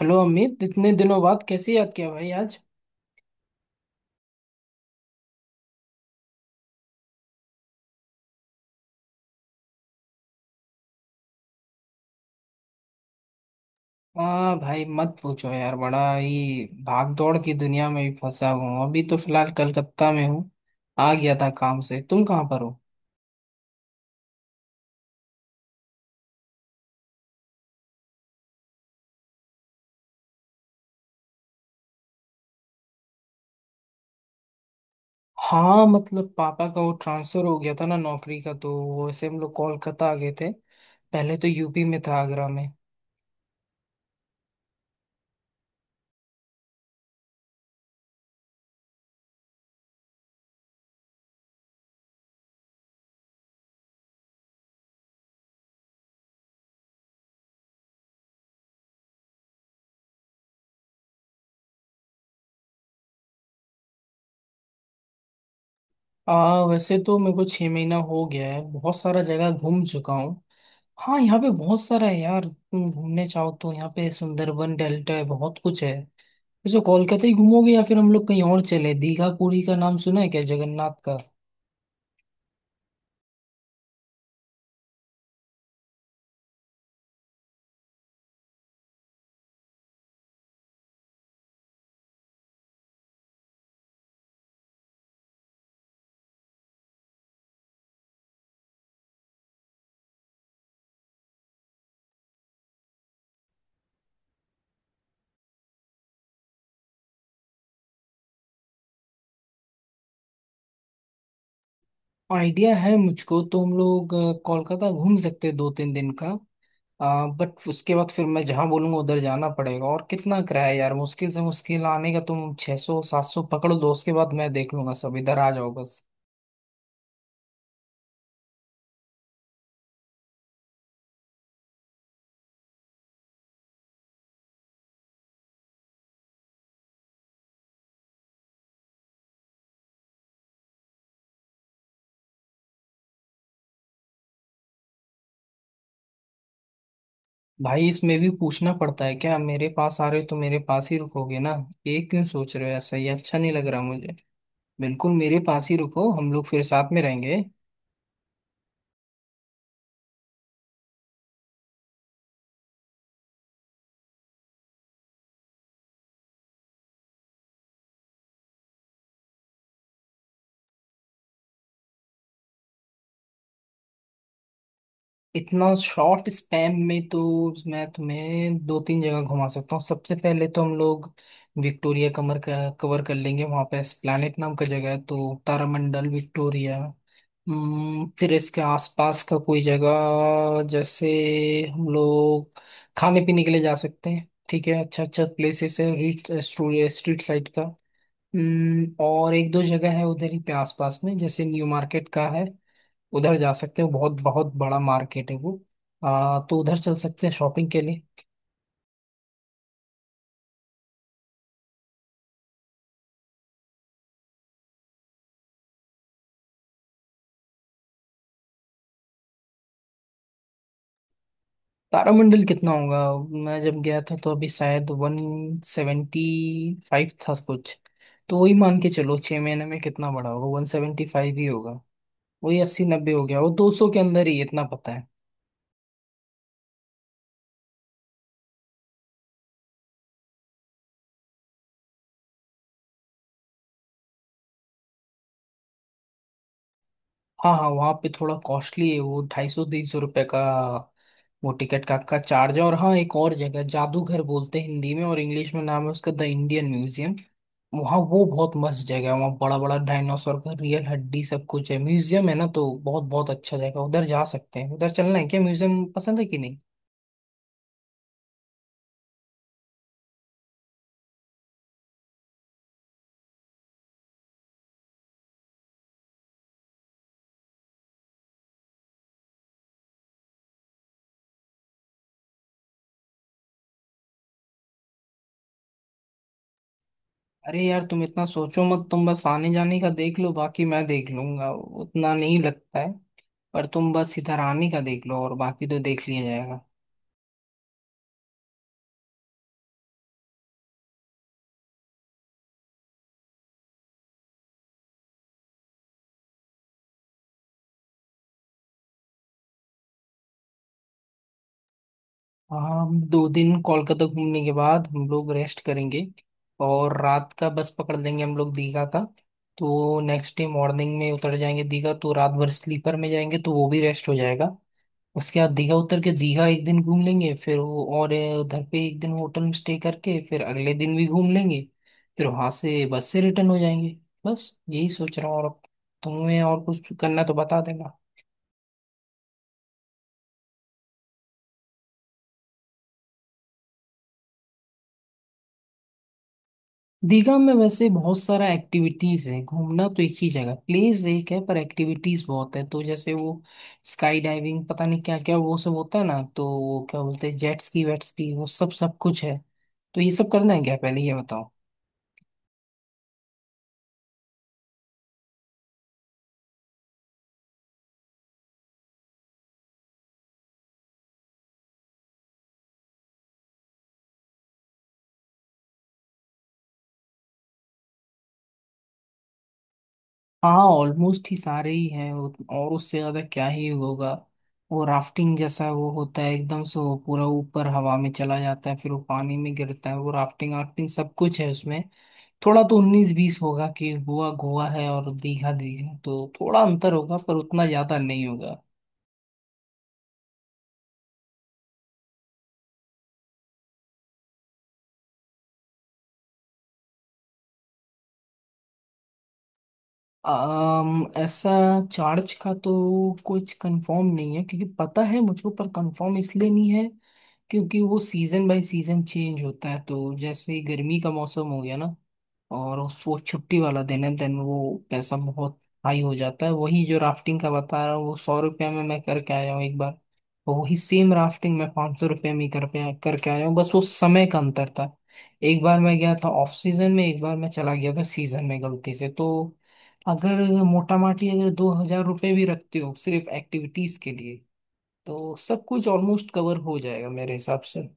Hello Amit, इतने दिनों बाद कैसे याद किया भाई आज। हाँ भाई मत पूछो यार, बड़ा ही भाग दौड़ की दुनिया में भी फंसा हूँ। अभी तो फिलहाल कलकत्ता में हूँ, आ गया था काम से। तुम कहाँ पर हो? हाँ मतलब पापा का वो ट्रांसफर हो गया था ना नौकरी का, तो वैसे हम लोग कोलकाता आ गए थे। पहले तो यूपी में था, आगरा में। आ वैसे तो मेरे को 6 महीना हो गया है, बहुत सारा जगह घूम चुका हूँ। हाँ यहाँ पे बहुत सारा है यार, तुम घूमने चाहो तो यहाँ पे सुंदरबन डेल्टा है, बहुत कुछ है। वैसे कोलकाता ही घूमोगे या फिर हम लोग कहीं और चले? दीघा पुरी का नाम सुना है क्या, जगन्नाथ का? आइडिया है मुझको, तो हम लोग कोलकाता घूम सकते हैं 2-3 दिन का। बट उसके बाद फिर मैं जहाँ बोलूंगा उधर जाना पड़ेगा। और कितना किराया है यार, मुश्किल से मुश्किल आने का तुम 600-700 पकड़ लो। उसके बाद मैं देख लूंगा सब, इधर आ जाओ बस। भाई इसमें भी पूछना पड़ता है क्या? मेरे पास आ रहे हो तो मेरे पास ही रुकोगे ना। ये क्यों सोच रहे हो ऐसा? ये अच्छा नहीं लग रहा मुझे। बिल्कुल मेरे पास ही रुको, हम लोग फिर साथ में रहेंगे। इतना शॉर्ट स्पैम में तो मैं तुम्हें दो तीन जगह घुमा सकता हूँ। सबसे पहले तो हम लोग विक्टोरिया कमर कवर कर लेंगे। वहाँ पे एस्प्लैनेट नाम का जगह है, तो तारामंडल, विक्टोरिया। फिर इसके आसपास का कोई जगह जैसे हम लोग खाने पीने के लिए जा सकते हैं, ठीक है। अच्छा अच्छा प्लेसेस है रीट स्ट्रीट साइड का। और एक दो जगह है उधर ही पे आसपास में, जैसे न्यू मार्केट का है। उधर जा सकते हो, बहुत बहुत बड़ा मार्केट है वो। तो उधर चल सकते हैं शॉपिंग के लिए। तारामंडल कितना होगा? मैं जब गया था तो अभी शायद 175 था कुछ। तो वही मान के चलो, 6 महीने में कितना बड़ा होगा, 175 ही होगा। वही अस्सी नब्बे हो गया, वो 200 के अंदर ही, इतना पता है। हाँ हाँ, वहाँ पे थोड़ा कॉस्टली है, वो 250-300 रुपये का वो टिकट का चार्ज है। और हाँ, एक और जगह जादूघर बोलते हैं हिंदी में, और इंग्लिश में नाम है उसका द इंडियन म्यूजियम। वहाँ वो बहुत मस्त जगह है, वहाँ बड़ा बड़ा डायनासोर का रियल हड्डी सब कुछ है। म्यूजियम है ना, तो बहुत बहुत अच्छा जगह, उधर जा सकते हैं। उधर चलना है क्या, म्यूजियम पसंद है कि नहीं? अरे यार तुम इतना सोचो मत, तुम बस आने जाने का देख लो, बाकी मैं देख लूंगा। उतना नहीं लगता है, पर तुम बस इधर आने का देख लो और बाकी तो देख लिया जाएगा। हम दो दिन कोलकाता घूमने के बाद हम लोग रेस्ट करेंगे, और रात का बस पकड़ लेंगे हम लोग दीघा का। तो नेक्स्ट डे मॉर्निंग में उतर जाएंगे दीघा, तो रात भर स्लीपर में जाएंगे तो वो भी रेस्ट हो जाएगा। उसके बाद दीघा उतर के दीघा एक दिन घूम लेंगे, फिर वो और उधर पे एक दिन होटल में स्टे करके फिर अगले दिन भी घूम लेंगे। फिर वहां से बस से रिटर्न हो जाएंगे। बस यही सोच रहा हूँ, और अब तुम्हें और कुछ करना है तो बता देना। दीघा में वैसे बहुत सारा एक्टिविटीज है, घूमना तो एक ही जगह प्लेस एक है पर एक्टिविटीज बहुत है। तो जैसे वो स्काई डाइविंग, पता नहीं क्या क्या वो सब होता है ना, तो वो क्या बोलते हैं जेट स्की वेट स्की, वो सब सब कुछ है। तो ये सब करना है क्या, पहले ये बताओ। हाँ ऑलमोस्ट ही सारे ही हैं और उससे ज्यादा क्या ही होगा। वो राफ्टिंग जैसा वो होता है, एकदम से वो पूरा ऊपर हवा में चला जाता है फिर वो पानी में गिरता है, वो राफ्टिंग वाफ्टिंग सब कुछ है उसमें। थोड़ा तो उन्नीस बीस होगा कि गोवा गोवा है और दीघा दीघा, तो थोड़ा अंतर होगा पर उतना ज्यादा नहीं होगा। ऐसा चार्ज का तो कुछ कंफर्म नहीं है, क्योंकि पता है मुझको पर कंफर्म इसलिए नहीं है क्योंकि वो सीजन बाय सीजन चेंज होता है। तो जैसे ही गर्मी का मौसम हो गया ना और उस वो छुट्टी वाला दिन है, देन वो पैसा बहुत हाई हो जाता है। वही जो राफ्टिंग का बता रहा हूँ, वो 100 रुपया में मैं करके आया हूँ एक बार। और वही सेम राफ्टिंग मैं 500 रुपये में कर पे करके आया हूँ, बस वो समय का अंतर था। एक बार मैं गया था ऑफ सीजन में, एक बार मैं चला गया था सीजन में गलती से। तो अगर मोटा माटी अगर 2,000 रुपये भी रखते हो सिर्फ एक्टिविटीज के लिए, तो सब कुछ ऑलमोस्ट कवर हो जाएगा मेरे हिसाब से।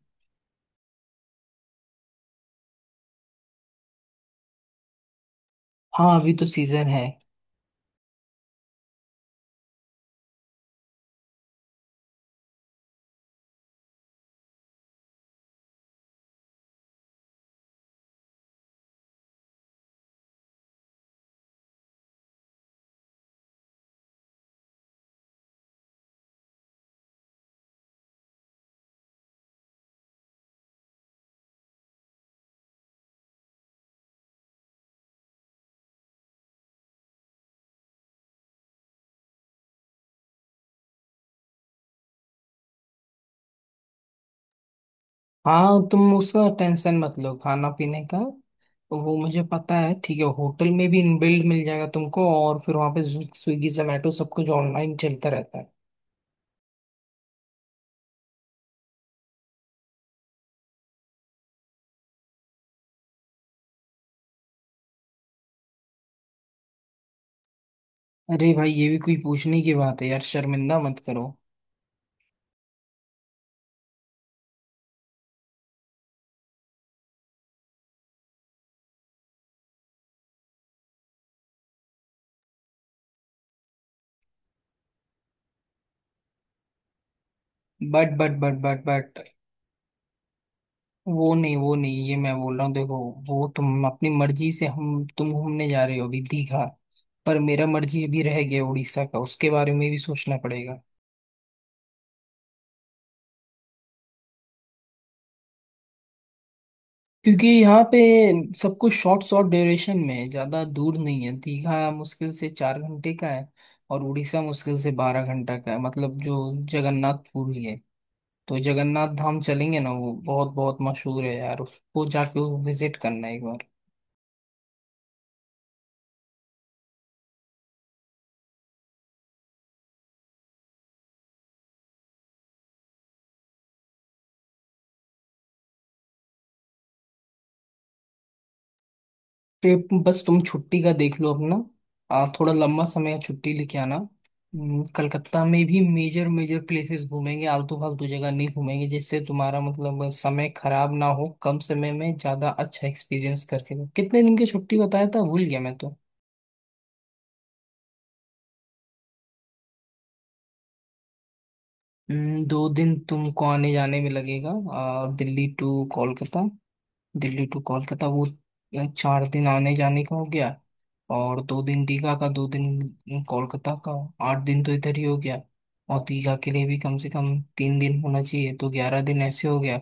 हाँ अभी तो सीजन है। हाँ तुम उसका टेंशन मत लो खाना पीने का, वो मुझे पता है। ठीक है, होटल में भी इनबिल्ड मिल जाएगा तुमको, और फिर वहाँ पे स्विगी जोमेटो सब कुछ ऑनलाइन चलता रहता है। अरे भाई ये भी कोई पूछने की बात है यार, शर्मिंदा मत करो। बट वो नहीं वो नहीं, ये मैं बोल रहा हूँ देखो। वो तुम अपनी मर्जी से, हम तुम घूमने जा रहे हो अभी दीघा, पर मेरा मर्जी अभी रह गया उड़ीसा का, उसके बारे में भी सोचना पड़ेगा। क्योंकि यहाँ पे सब कुछ शॉर्ट शॉर्ट ड्यूरेशन में है, ज़्यादा दूर नहीं है। दीघा मुश्किल से 4 घंटे का है, और उड़ीसा मुश्किल से 12 घंटा का है। मतलब जो जगन्नाथपुरी है, तो जगन्नाथ धाम चलेंगे ना, वो बहुत बहुत मशहूर है यार, उसको जाके विजिट करना एक बार। ट्रिप बस तुम छुट्टी का देख लो अपना। थोड़ा लंबा समय छुट्टी लेके आना। कलकत्ता में भी मेजर मेजर प्लेसेस घूमेंगे, आलतू फालतू जगह नहीं घूमेंगे जिससे तुम्हारा मतलब समय खराब ना हो, कम समय में ज्यादा अच्छा एक्सपीरियंस करके दो। कितने दिन की छुट्टी बताया था, भूल गया मैं तो। 2 दिन तुमको आने जाने में लगेगा। दिल्ली टू कोलकाता। दिल्ली टू कोलकाता, 4 दिन आने जाने का हो गया, और 2 दिन दीघा का, 2 दिन कोलकाता का, 8 दिन तो इधर ही हो गया। और दीघा के लिए भी कम से कम 3 दिन होना चाहिए, तो 11 दिन ऐसे हो गया।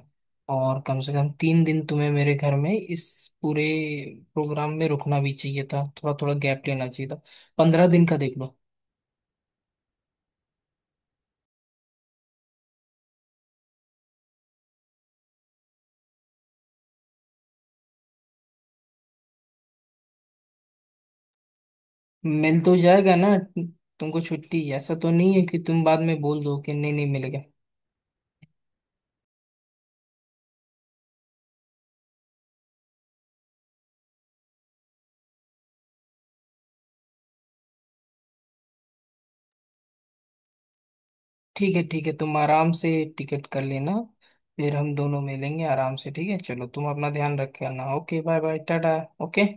और कम से कम 3 दिन तुम्हें मेरे घर में इस पूरे प्रोग्राम में रुकना भी चाहिए था, थोड़ा थोड़ा गैप लेना चाहिए था। 15 दिन का देख लो। मिल तो जाएगा ना तुमको छुट्टी? ऐसा तो नहीं है कि तुम बाद में बोल दो कि नहीं नहीं मिलेगा। ठीक है ठीक है, तुम आराम से टिकट कर लेना, फिर हम दोनों मिलेंगे आराम से। ठीक है, चलो तुम अपना ध्यान रख के आना। Okay bye bye tata. Okay.